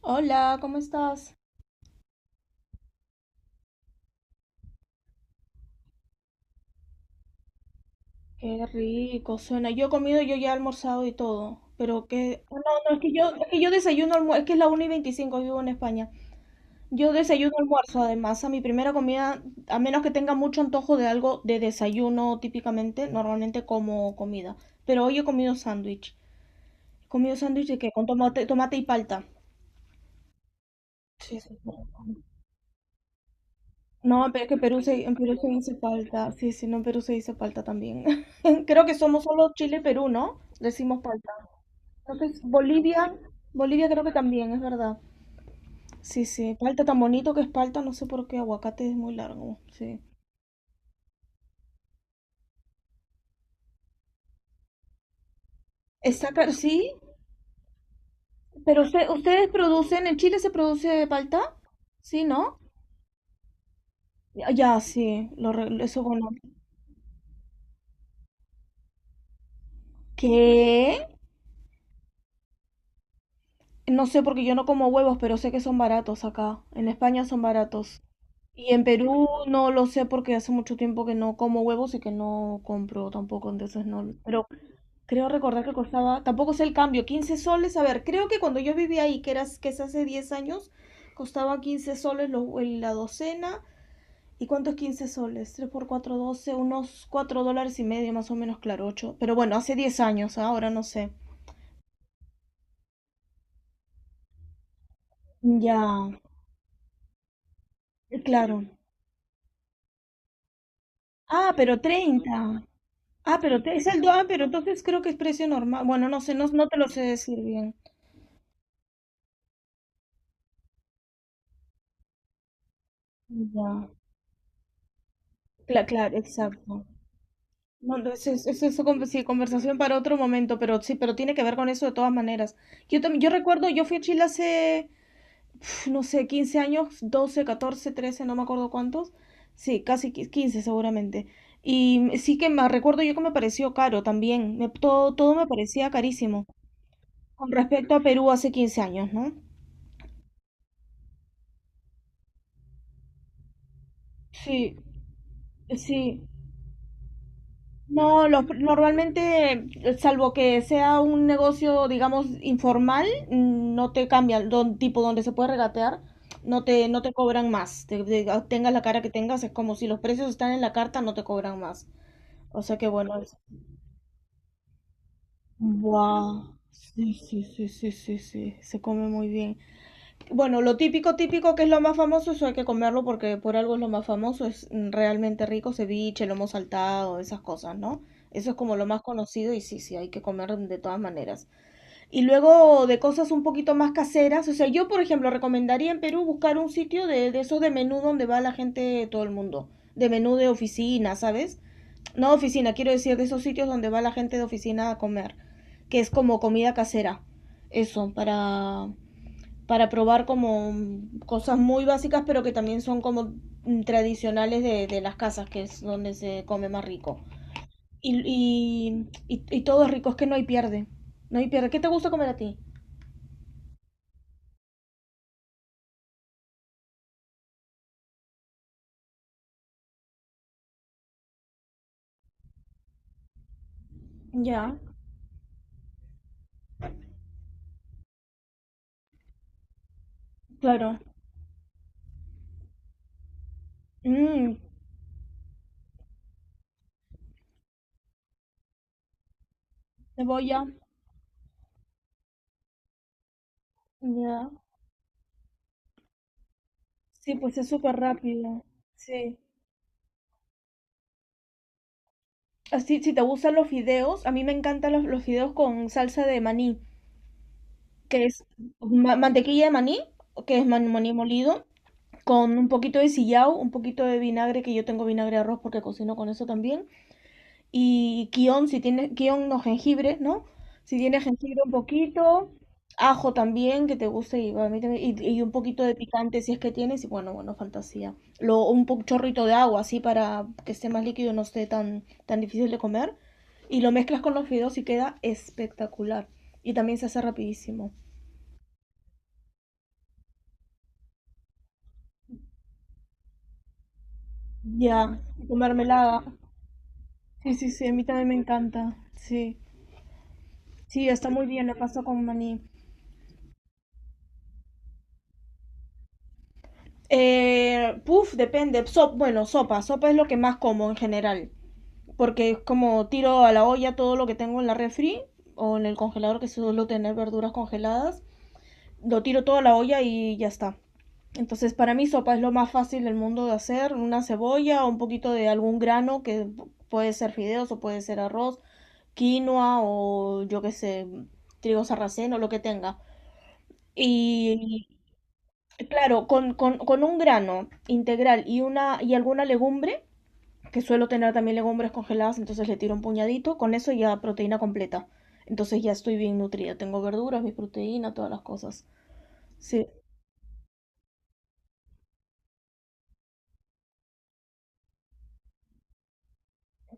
Hola, ¿cómo estás? Qué rico suena. Yo he comido, yo ya he almorzado y todo. Pero que... No, no, es que yo desayuno almuerzo. Es que es la 1 y 25. Vivo en España. Yo desayuno almuerzo, además, a mi primera comida, a menos que tenga mucho antojo de algo de desayuno típicamente, normalmente como comida. Pero hoy he comido sándwich. He comido sándwich de que con tomate, tomate y palta. Sí, sí. No, pero es que en Perú se hizo palta. Sí, sí, no, en Perú se hizo palta también. Creo que somos solo Chile y Perú, ¿no? Decimos palta. Creo que Bolivia, Bolivia creo que también, es verdad. Sí, sí, palta tan bonito que es palta, no sé por qué, aguacate es muy largo, sí. Exacto, sí, pero ustedes producen, en Chile se produce palta, ¿sí, no? Ya, ya, sí, lo, eso bueno. ¿Qué? No sé porque yo no como huevos, pero sé que son baratos acá. En España son baratos. Y en Perú no lo sé porque hace mucho tiempo que no como huevos y que no compro tampoco, entonces no. Pero creo recordar que costaba, tampoco sé el cambio, 15 soles. A ver, creo que cuando yo vivía ahí, que eras, que es hace 10 años, costaba 15 soles la docena. ¿Y cuánto es 15 soles? Tres por 4 12 unos 4 dólares y medio más o menos, claro, 8. Pero bueno, hace 10 años, ¿ah? Ahora no sé. Ya, claro. Ah, pero treinta. Ah, pero es el pero entonces creo que es precio normal. Bueno, no sé, no, no te lo sé decir bien. Ya. Claro, exacto. No, no, es eso sí, conversación para otro momento, pero sí, pero tiene que ver con eso de todas maneras. Yo también, yo recuerdo, yo fui a Chile hace, uf, no sé, 15 años, 12, 14, 13, no me acuerdo cuántos. Sí, 15 seguramente. Y sí que me recuerdo yo que me pareció caro también. Todo, todo me parecía carísimo. Con respecto a Perú hace 15 años, ¿no? Sí, sí. No, normalmente, salvo que sea un negocio, digamos, informal, no te cambian, tipo donde se puede regatear, no te cobran más. Tengas la cara que tengas, es como si los precios están en la carta, no te cobran más. O sea que bueno, es... Wow. Sí, sí, sí, sí, sí, sí, se come muy bien. Bueno, lo típico, típico que es lo más famoso, eso hay que comerlo porque por algo es lo más famoso, es realmente rico, ceviche, lomo saltado, esas cosas, ¿no? Eso es como lo más conocido y sí, sí, hay que comer de todas maneras. Y luego de cosas un poquito más caseras, o sea, yo por ejemplo recomendaría en Perú buscar un sitio de esos de menú donde va la gente de todo el mundo, de menú de oficina, ¿sabes? No oficina, quiero decir de esos sitios donde va la gente de oficina a comer, que es como comida casera. Eso, para probar como cosas muy básicas, pero que también son como tradicionales de las casas, que es donde se come más rico. Y todo es rico, es que no hay pierde. No hay pierde. ¿Qué te gusta comer a ti? Ya, claro. Mm, cebolla. Ya. Sí, pues es súper rápido. Sí. Así, si te gustan los fideos, a mí me encantan los fideos con salsa de maní, que es mantequilla de maní, que es maní molido, con un poquito de sillao, un poquito de vinagre, que yo tengo vinagre de arroz porque cocino con eso también, y kion, si tiene, kion no jengibre, ¿no? Si tiene jengibre un poquito, ajo también, que te guste, y, y un poquito de picante si es que tienes, y bueno, bueno, fantasía. Chorrito de agua, así, para que esté más líquido no esté tan, tan difícil de comer, y lo mezclas con los fideos y queda espectacular. Y también se hace rapidísimo. Ya, y con mermelada. Sí, sí, sí, a mí también me encanta, sí. Sí, está muy bien, lo paso con maní. Puf, depende. Bueno, sopa. Sopa es lo que más como en general. Porque es como tiro a la olla todo lo que tengo en la refri o en el congelador, que suelo tener verduras congeladas. Lo tiro todo a la olla y ya está. Entonces, para mí, sopa es lo más fácil del mundo de hacer. Una cebolla o un poquito de algún grano, que puede ser fideos o puede ser arroz, quinoa o yo qué sé, trigo sarraceno, lo que tenga. Y claro, con un grano integral y una y alguna legumbre, que suelo tener también legumbres congeladas, entonces le tiro un puñadito, con eso ya proteína completa. Entonces ya estoy bien nutrida, tengo verduras, mi proteína, todas las cosas. Sí,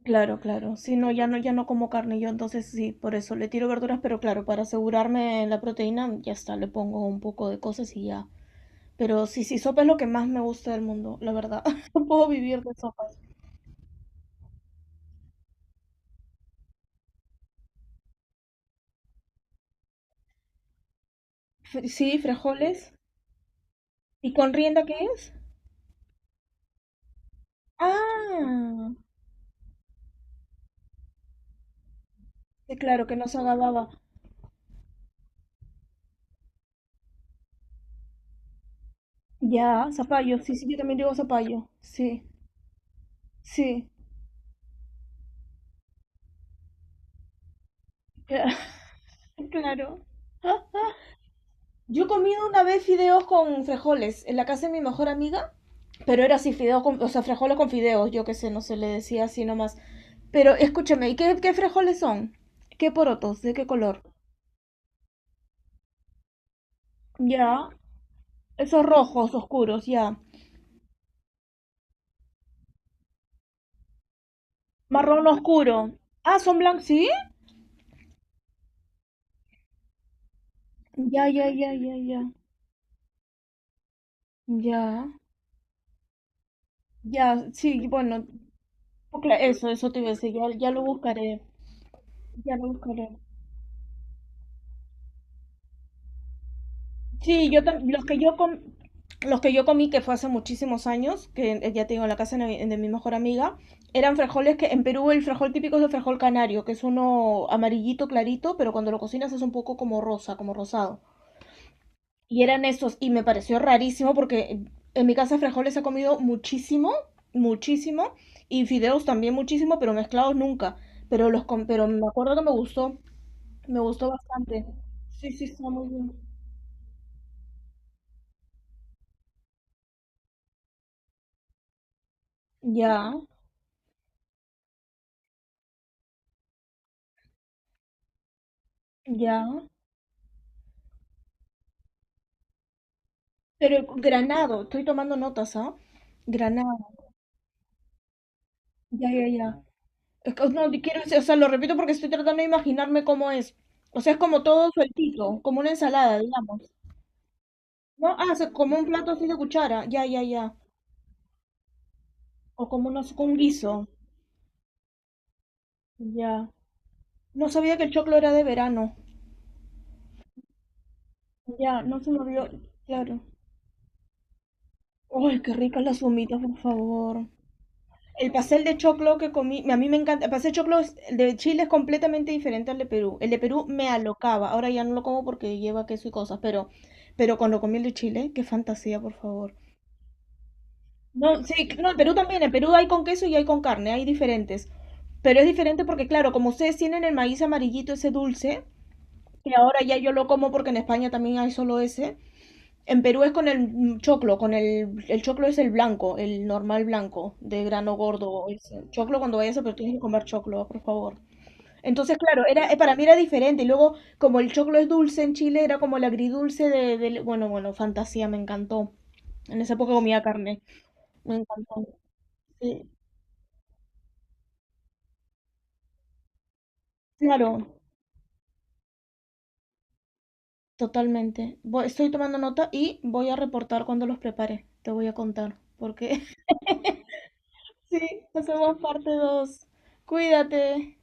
claro, claro. Sí, no, ya no como carne yo, entonces sí, por eso le tiro verduras, pero claro, para asegurarme la proteína, ya está, le pongo un poco de cosas y ya. Pero sí, sí, sopa es lo que más me gusta del mundo, la verdad. No puedo vivir de sopas. Sí, frijoles. ¿Y con rienda qué es? Ah, sí, claro que no se agababa. Ya, zapallo, sí, sí, yo también digo zapallo. Sí, sí, cla- claro. Ah, ah. Yo he comido una vez fideos con frijoles en la casa de mi mejor amiga, pero era así, fideos con, o sea, frijoles con fideos, yo qué sé, no se le decía así nomás. Pero escúchame, ¿y qué frijoles son? ¿Qué porotos? ¿De qué color? Ya, esos rojos oscuros, ya. Marrón oscuro. Ah, son blancos, ¿sí? Ya, ya, ya, ya, ya. Ya. Ya, sí, bueno, eso, te iba a decir, ya, ya lo buscaré, ya lo buscaré. Sí, los que los que yo comí, que fue hace muchísimos años, que ya te digo, en la casa de mi mejor amiga, eran frijoles que en Perú el frijol típico es el frijol canario, que es uno amarillito clarito, pero cuando lo cocinas es un poco como rosa, como rosado. Y eran esos, y me pareció rarísimo porque en mi casa frijoles he comido muchísimo, muchísimo, y fideos también muchísimo, pero mezclados nunca. Pero pero me acuerdo que me gustó bastante. Sí, sí, está muy bien. Ya, ya. Pero granado, estoy tomando notas, ¿ah? Granado, ya, ya, ya. Es que, no, quiero decir, o sea, lo repito porque estoy tratando de imaginarme cómo es. O sea, es como todo sueltito, como una ensalada, digamos. ¿No? Ah, o sea, como un plato así de cuchara. Ya, ya, ya. O como unos, con un guiso. Ya. No sabía que el choclo era de verano. Ya, no se me olvidó. Claro. ¡Ay, qué ricas las humitas, por favor! El pastel de choclo que comí, a mí me encanta. El pastel de choclo el de Chile es completamente diferente al de Perú. El de Perú me alocaba. Ahora ya no lo como porque lleva queso y cosas, pero cuando comí el de Chile, qué fantasía, por favor. No, sí, no, en Perú también. En Perú hay con queso y hay con carne, hay diferentes. Pero es diferente porque, claro, como ustedes tienen el maíz amarillito, ese dulce, que ahora ya yo lo como porque en España también hay solo ese. En Perú es con el choclo, con el choclo es el blanco, el normal blanco, de grano gordo. Ese. Choclo cuando vayas a Perú tienes que comer choclo, por favor. Entonces, claro, era, para mí era diferente. Y luego, como el choclo es dulce en Chile, era como el agridulce bueno, bueno, fantasía, me encantó. En esa época comía carne. Me encantó. Sí, claro, totalmente. Estoy tomando nota y voy a reportar cuando los prepare. Te voy a contar, porque sí, hacemos parte 2. Cuídate.